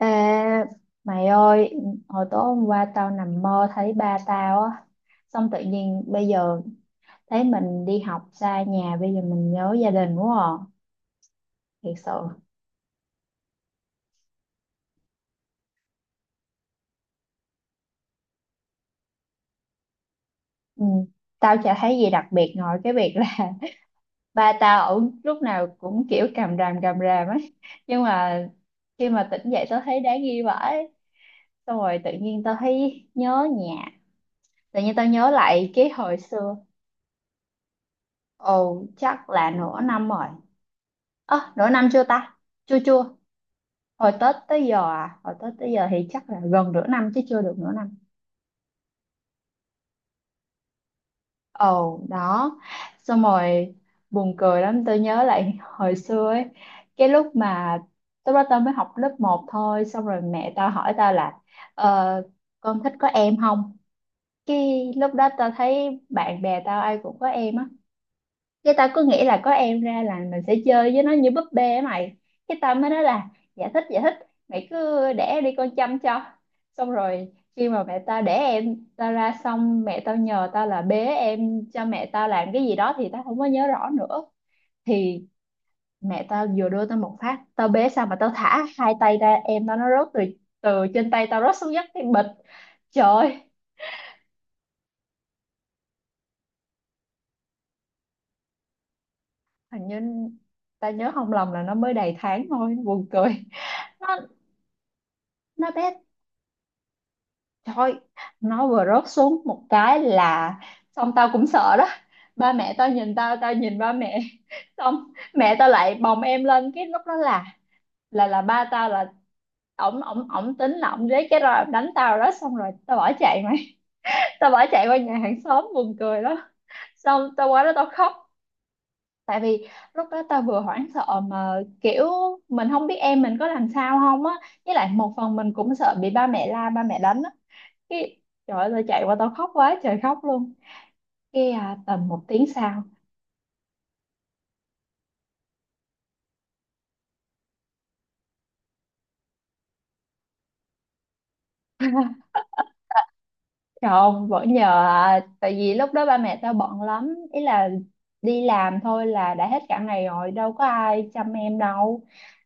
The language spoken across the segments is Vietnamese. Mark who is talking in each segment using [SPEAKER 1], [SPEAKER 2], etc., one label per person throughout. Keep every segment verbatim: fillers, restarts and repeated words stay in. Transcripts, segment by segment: [SPEAKER 1] Ê, mày ơi, hồi tối hôm qua tao nằm mơ thấy ba tao á, xong tự nhiên bây giờ thấy mình đi học xa nhà, bây giờ mình nhớ gia đình quá à, thiệt sự. Ừ. Tao chả thấy gì đặc biệt ngoài cái việc là ba tao ở lúc nào cũng kiểu càm ràm càm ràm ấy, nhưng mà khi mà tỉnh dậy tao thấy đáng ghi vãi, xong rồi tự nhiên tao thấy nhớ nhà, tự nhiên tao nhớ lại cái hồi xưa. Ồ, chắc là nửa năm rồi. Ơ, nửa năm chưa ta? Chưa chưa. Hồi Tết tới giờ à? Hồi Tết tới giờ thì chắc là gần nửa năm chứ chưa được nửa năm. Ồ, đó. Xong rồi buồn cười lắm. Tôi nhớ lại hồi xưa ấy. Cái lúc mà Lúc đó tao mới học lớp một thôi. Xong rồi mẹ tao hỏi tao là, Ờ, con thích có em không? Cái lúc đó tao thấy bạn bè tao ai cũng có em á, cái tao cứ nghĩ là có em ra là mình sẽ chơi với nó như búp bê á mày, cái tao mới nói là dạ thích dạ thích, mày cứ đẻ đi con chăm cho. Xong rồi khi mà mẹ tao đẻ em tao ra, xong mẹ tao nhờ tao là bế em cho mẹ tao làm cái gì đó thì tao không có nhớ rõ nữa. Thì mẹ tao vừa đưa tao một phát tao bế xong mà tao thả hai tay ra, em tao nó rớt từ từ trên tay tao rớt xuống đất cái bịch. Trời ơi, hình như tao nhớ không lầm là nó mới đầy tháng thôi, buồn cười. Nó nó bé. Thôi, nó vừa rớt xuống một cái là xong tao cũng sợ đó. Ba mẹ tao nhìn tao, tao nhìn ba mẹ. Xong mẹ tao lại bồng em lên, cái lúc đó là là là ba tao là ổng ổng ổng tính là ổng lấy cái roi đánh tao đó, xong rồi tao bỏ chạy mày. Tao bỏ chạy qua nhà hàng xóm, buồn cười lắm. Xong tao qua đó tao khóc. Tại vì lúc đó tao vừa hoảng sợ mà kiểu mình không biết em mình có làm sao không á. Với lại một phần mình cũng sợ bị ba mẹ la, ba mẹ đánh á, cái trời ơi tao chạy qua tao khóc quá trời khóc luôn. Cái à, tầm một tiếng sau, trời ơi, vẫn nhờ à, tại vì lúc đó ba mẹ tao bận lắm ý, là đi làm thôi là đã hết cả ngày rồi, đâu có ai chăm em đâu.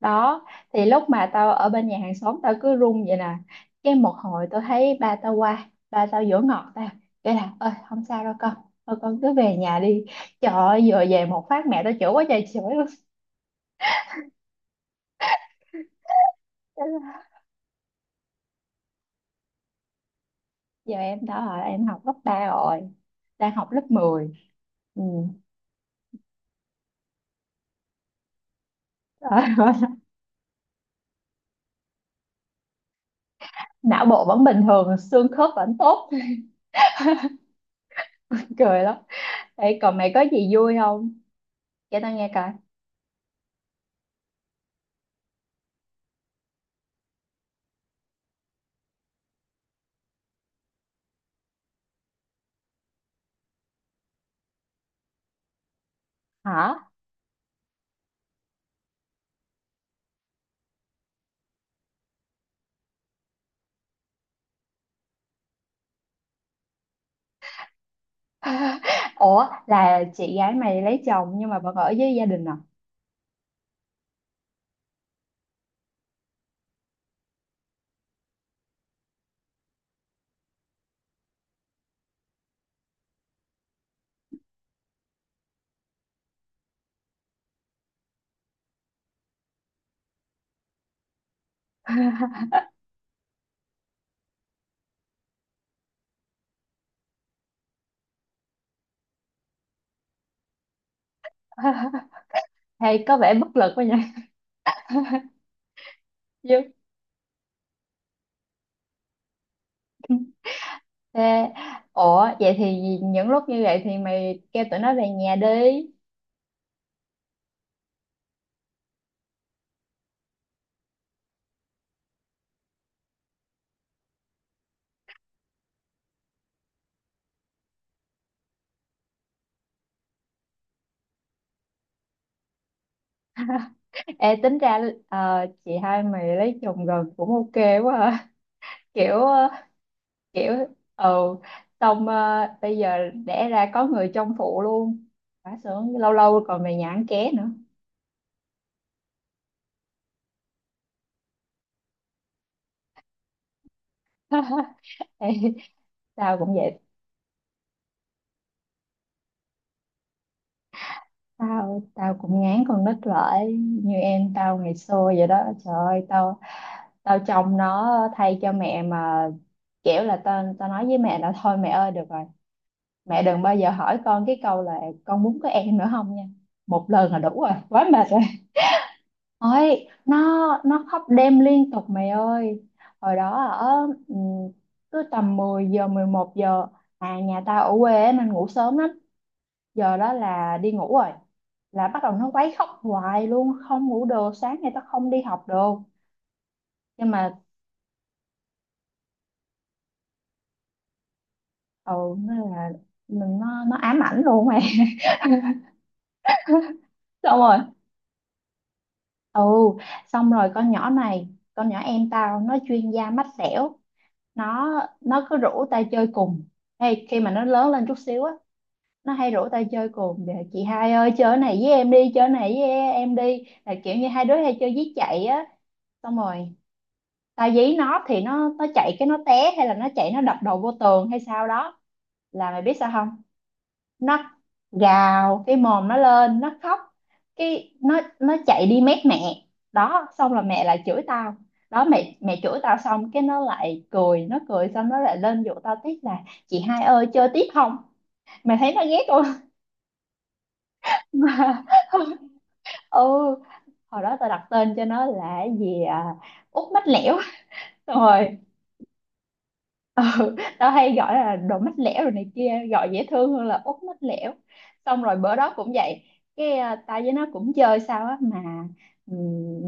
[SPEAKER 1] Đó thì lúc mà tao ở bên nhà hàng xóm tao cứ run vậy nè, cái một hồi tao thấy ba tao qua, ba tao dỗ ngọt tao, cái là ơi không sao đâu con, thôi con cứ về nhà đi. Trời ơi vừa về một phát mẹ tao chửi quá trời chửi luôn. Giờ em đã hỏi em học lớp ba rồi, đang học lớp mười. Ừ. Não bộ vẫn bình thường, xương khớp vẫn tốt. Cười lắm. Ê, còn mày có gì vui không, kể tao nghe coi. Hả? Ủa là chị gái mày lấy chồng nhưng mà vẫn ở với gia đình à? Hay có vẻ bất lực quá nhỉ. Chứ- Thế, ủa vậy thì những lúc như vậy thì mày kêu tụi nó về nhà đi. Ê, tính ra ờ, chị hai mày lấy chồng gần cũng ok quá à. Kiểu ờ, kiểu ừ, xong ờ, bây giờ đẻ ra có người trông phụ luôn, quá sướng, lâu lâu còn mày nhãn ké nữa. Ê, tao cũng vậy. Tao tao cũng ngán con nít lại như em tao ngày xưa vậy đó. Trời ơi tao tao trông nó thay cho mẹ mà, kiểu là tao tao nói với mẹ là thôi mẹ ơi được rồi, mẹ đừng bao giờ hỏi con cái câu là con muốn có em nữa không nha, một lần là đủ rồi, quá mệt. Ôi, nó nó khóc đêm liên tục mày ơi. Hồi đó ở, ừ, cứ tầm mười giờ mười một giờ, à nhà tao ở quê á nên ngủ sớm lắm. Giờ đó là đi ngủ rồi. Là bắt đầu nó quấy khóc hoài luôn, không ngủ được, sáng nay tao không đi học được. Nhưng mà ừ nó là, mình nó nó ám ảnh luôn mày. Xong rồi. Ừ, xong rồi con nhỏ này, con nhỏ em tao nó chuyên gia mách xẻo. Nó nó cứ rủ tao chơi cùng. Ê, khi mà nó lớn lên chút xíu á, nó hay rủ tao chơi cùng để, chị hai ơi chơi cái này với em đi chơi cái này với em đi, là kiểu như hai đứa hay chơi dí chạy á. Xong rồi tao dí nó thì nó nó chạy cái nó té, hay là nó chạy nó đập đầu vô tường hay sao đó. Là mày biết sao không, nó gào cái mồm nó lên nó khóc, cái nó nó chạy đi mét mẹ. Đó xong là mẹ lại chửi tao. Đó mẹ mẹ chửi tao, xong cái nó lại cười, nó cười xong nó lại lên dụ tao tiếp là chị hai ơi chơi tiếp không. Mày thấy nó ghét không? Ừ. Hồi đó tao đặt tên cho nó là cái gì à, út mách lẻo. Xong rồi, ừ, tao hay gọi là đồ mách lẻo rồi này kia, gọi dễ thương hơn là út mách lẻo. Xong rồi bữa đó cũng vậy, cái à, tao với nó cũng chơi sao á mà, ừ,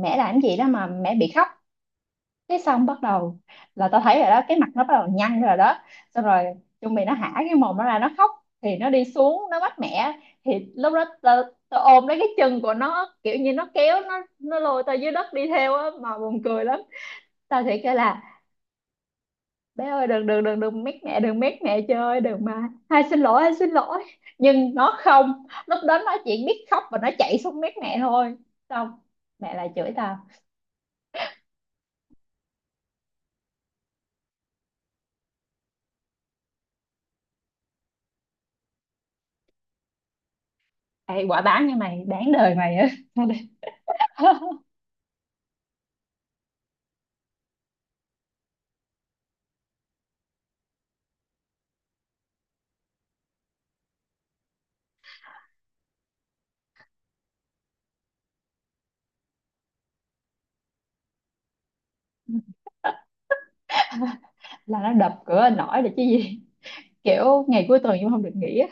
[SPEAKER 1] mẹ làm cái gì đó mà mẹ bị khóc. Cái xong bắt đầu là tao thấy rồi đó, cái mặt nó bắt đầu nhăn rồi đó. Xong rồi chuẩn bị nó hả cái mồm nó ra nó khóc, thì nó đi xuống nó bắt mẹ. Thì lúc đó tao, tao ôm lấy cái chân của nó, kiểu như nó kéo, nó nó lôi tao dưới đất đi theo á mà, buồn cười lắm. Tao thì kêu là bé ơi đừng đừng đừng đừng mét mẹ, đừng mét mẹ, chơi ơi đừng mà, hai xin lỗi hai xin lỗi. Nhưng nó không, lúc đó nó chỉ biết khóc và nó chạy xuống mét mẹ thôi. Xong mẹ lại chửi tao. Ê, quả báo như mày đáng đời mày á. Là nó đập cửa nổi là chứ gì. Kiểu ngày cuối tuần cũng không được nghỉ á.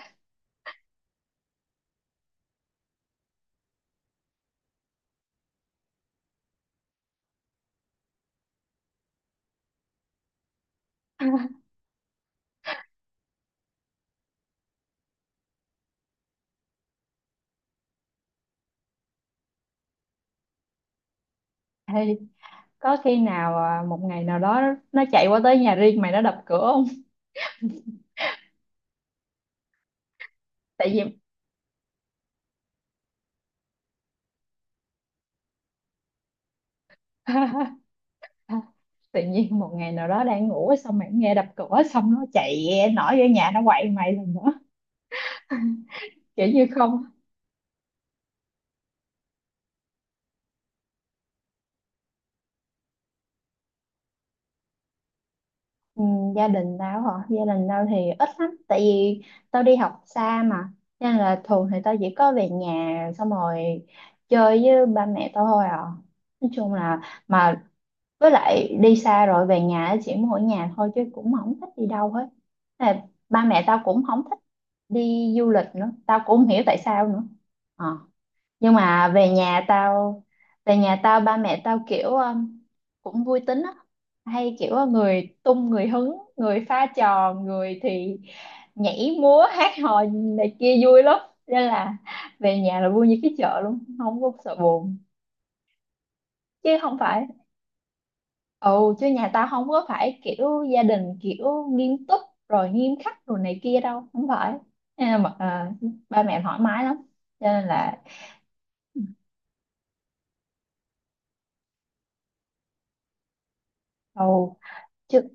[SPEAKER 1] Ê, có khi nào à, một ngày nào đó nó chạy qua tới nhà riêng mày nó đập cửa không? Tại vì tự nhiên một ngày nào đó đang ngủ xong mày nghe đập cửa xong nó chạy nổi vô nhà nó quậy mày lần nữa. Kiểu như không. Ừ, gia đình tao hả? Gia đình tao thì ít lắm tại vì tao đi học xa mà, nên là thường thì tao chỉ có về nhà xong rồi chơi với ba mẹ tao thôi à, nói chung là, mà với lại đi xa rồi về nhà á, chỉ muốn ở nhà thôi chứ cũng không thích đi đâu hết. Thế là ba mẹ tao cũng không thích đi du lịch nữa, tao cũng không hiểu tại sao nữa. Ờ. Nhưng mà về nhà tao về nhà tao ba mẹ tao kiểu um, cũng vui tính á, hay kiểu ờ, người tung người hứng, người pha trò, người thì nhảy múa hát hò này kia vui lắm, nên là về nhà là vui như cái chợ luôn, không có sợ buồn. Chứ không phải. Ồ, chứ nhà tao không có phải kiểu gia đình kiểu nghiêm túc rồi nghiêm khắc rồi này kia đâu, không phải. À, mà, à, ba mẹ thoải mái lắm. Cho nên là ồ chứ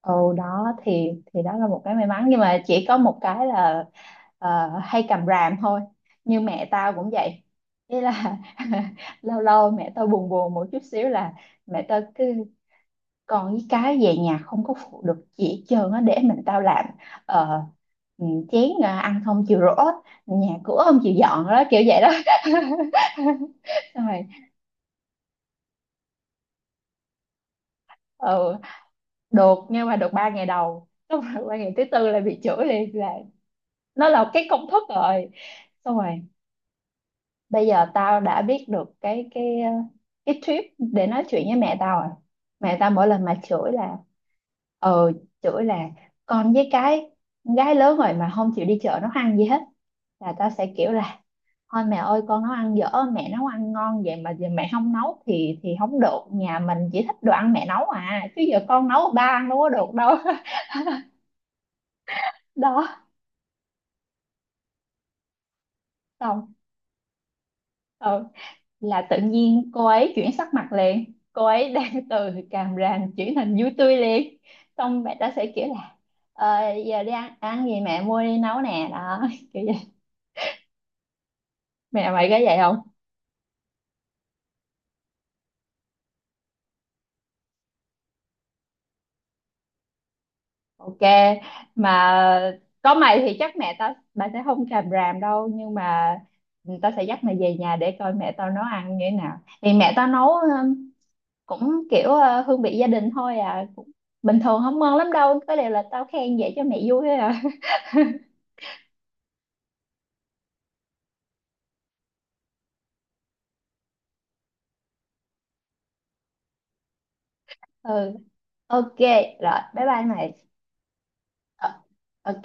[SPEAKER 1] ồ đó thì thì đó là một cái may mắn nhưng mà chỉ có một cái là ờ, hay cầm ràm thôi. Như mẹ tao cũng vậy. Ý là lâu lâu mẹ tao buồn buồn một chút xíu là mẹ tao cứ, còn cái cái về nhà không có phụ được gì hết trơn á, để mình tao làm. ờ, ừ, chén à, ăn không chịu rửa, nhà cửa không chịu dọn đó kiểu vậy đó. Xong rồi, ừ, được nhưng mà được ba ngày đầu, xong rồi ba ngày thứ tư là bị chửi liền, là nó là cái công thức rồi. Xong rồi bây giờ tao đã biết được cái cái ờ, cái tip để nói chuyện với mẹ tao rồi. Mẹ tao mỗi lần mà chửi là ờ chửi là con với cái, con gái lớn rồi mà không chịu đi chợ nấu ăn gì hết. Là tao sẽ kiểu là thôi mẹ ơi con nấu ăn dở, mẹ nấu ăn ngon vậy mà giờ mẹ không nấu thì thì không được, nhà mình chỉ thích đồ ăn mẹ nấu à, chứ giờ con nấu ba ăn đâu có được đâu. Đó, xong ừ là tự nhiên cô ấy chuyển sắc mặt liền, cô ấy đang từ càm ràm chuyển thành vui tươi liền. Xong mẹ ta sẽ kiểu là ờ, giờ đi ăn ăn gì mẹ mua đi nấu nè đó. Kiểu vậy. Mẹ mày có vậy không? Ok, mà có mày thì chắc mẹ tao bà sẽ không càm ràm đâu, nhưng mà tao sẽ dắt mày về nhà để coi mẹ tao nấu ăn như thế nào. Thì mẹ tao nấu um, cũng kiểu uh, hương vị gia đình thôi à, cũng bình thường không ngon lắm đâu, có điều là tao khen vậy cho mẹ vui thôi à. Ừ. Ok, rồi, bye bye mày. Ờ, Ok.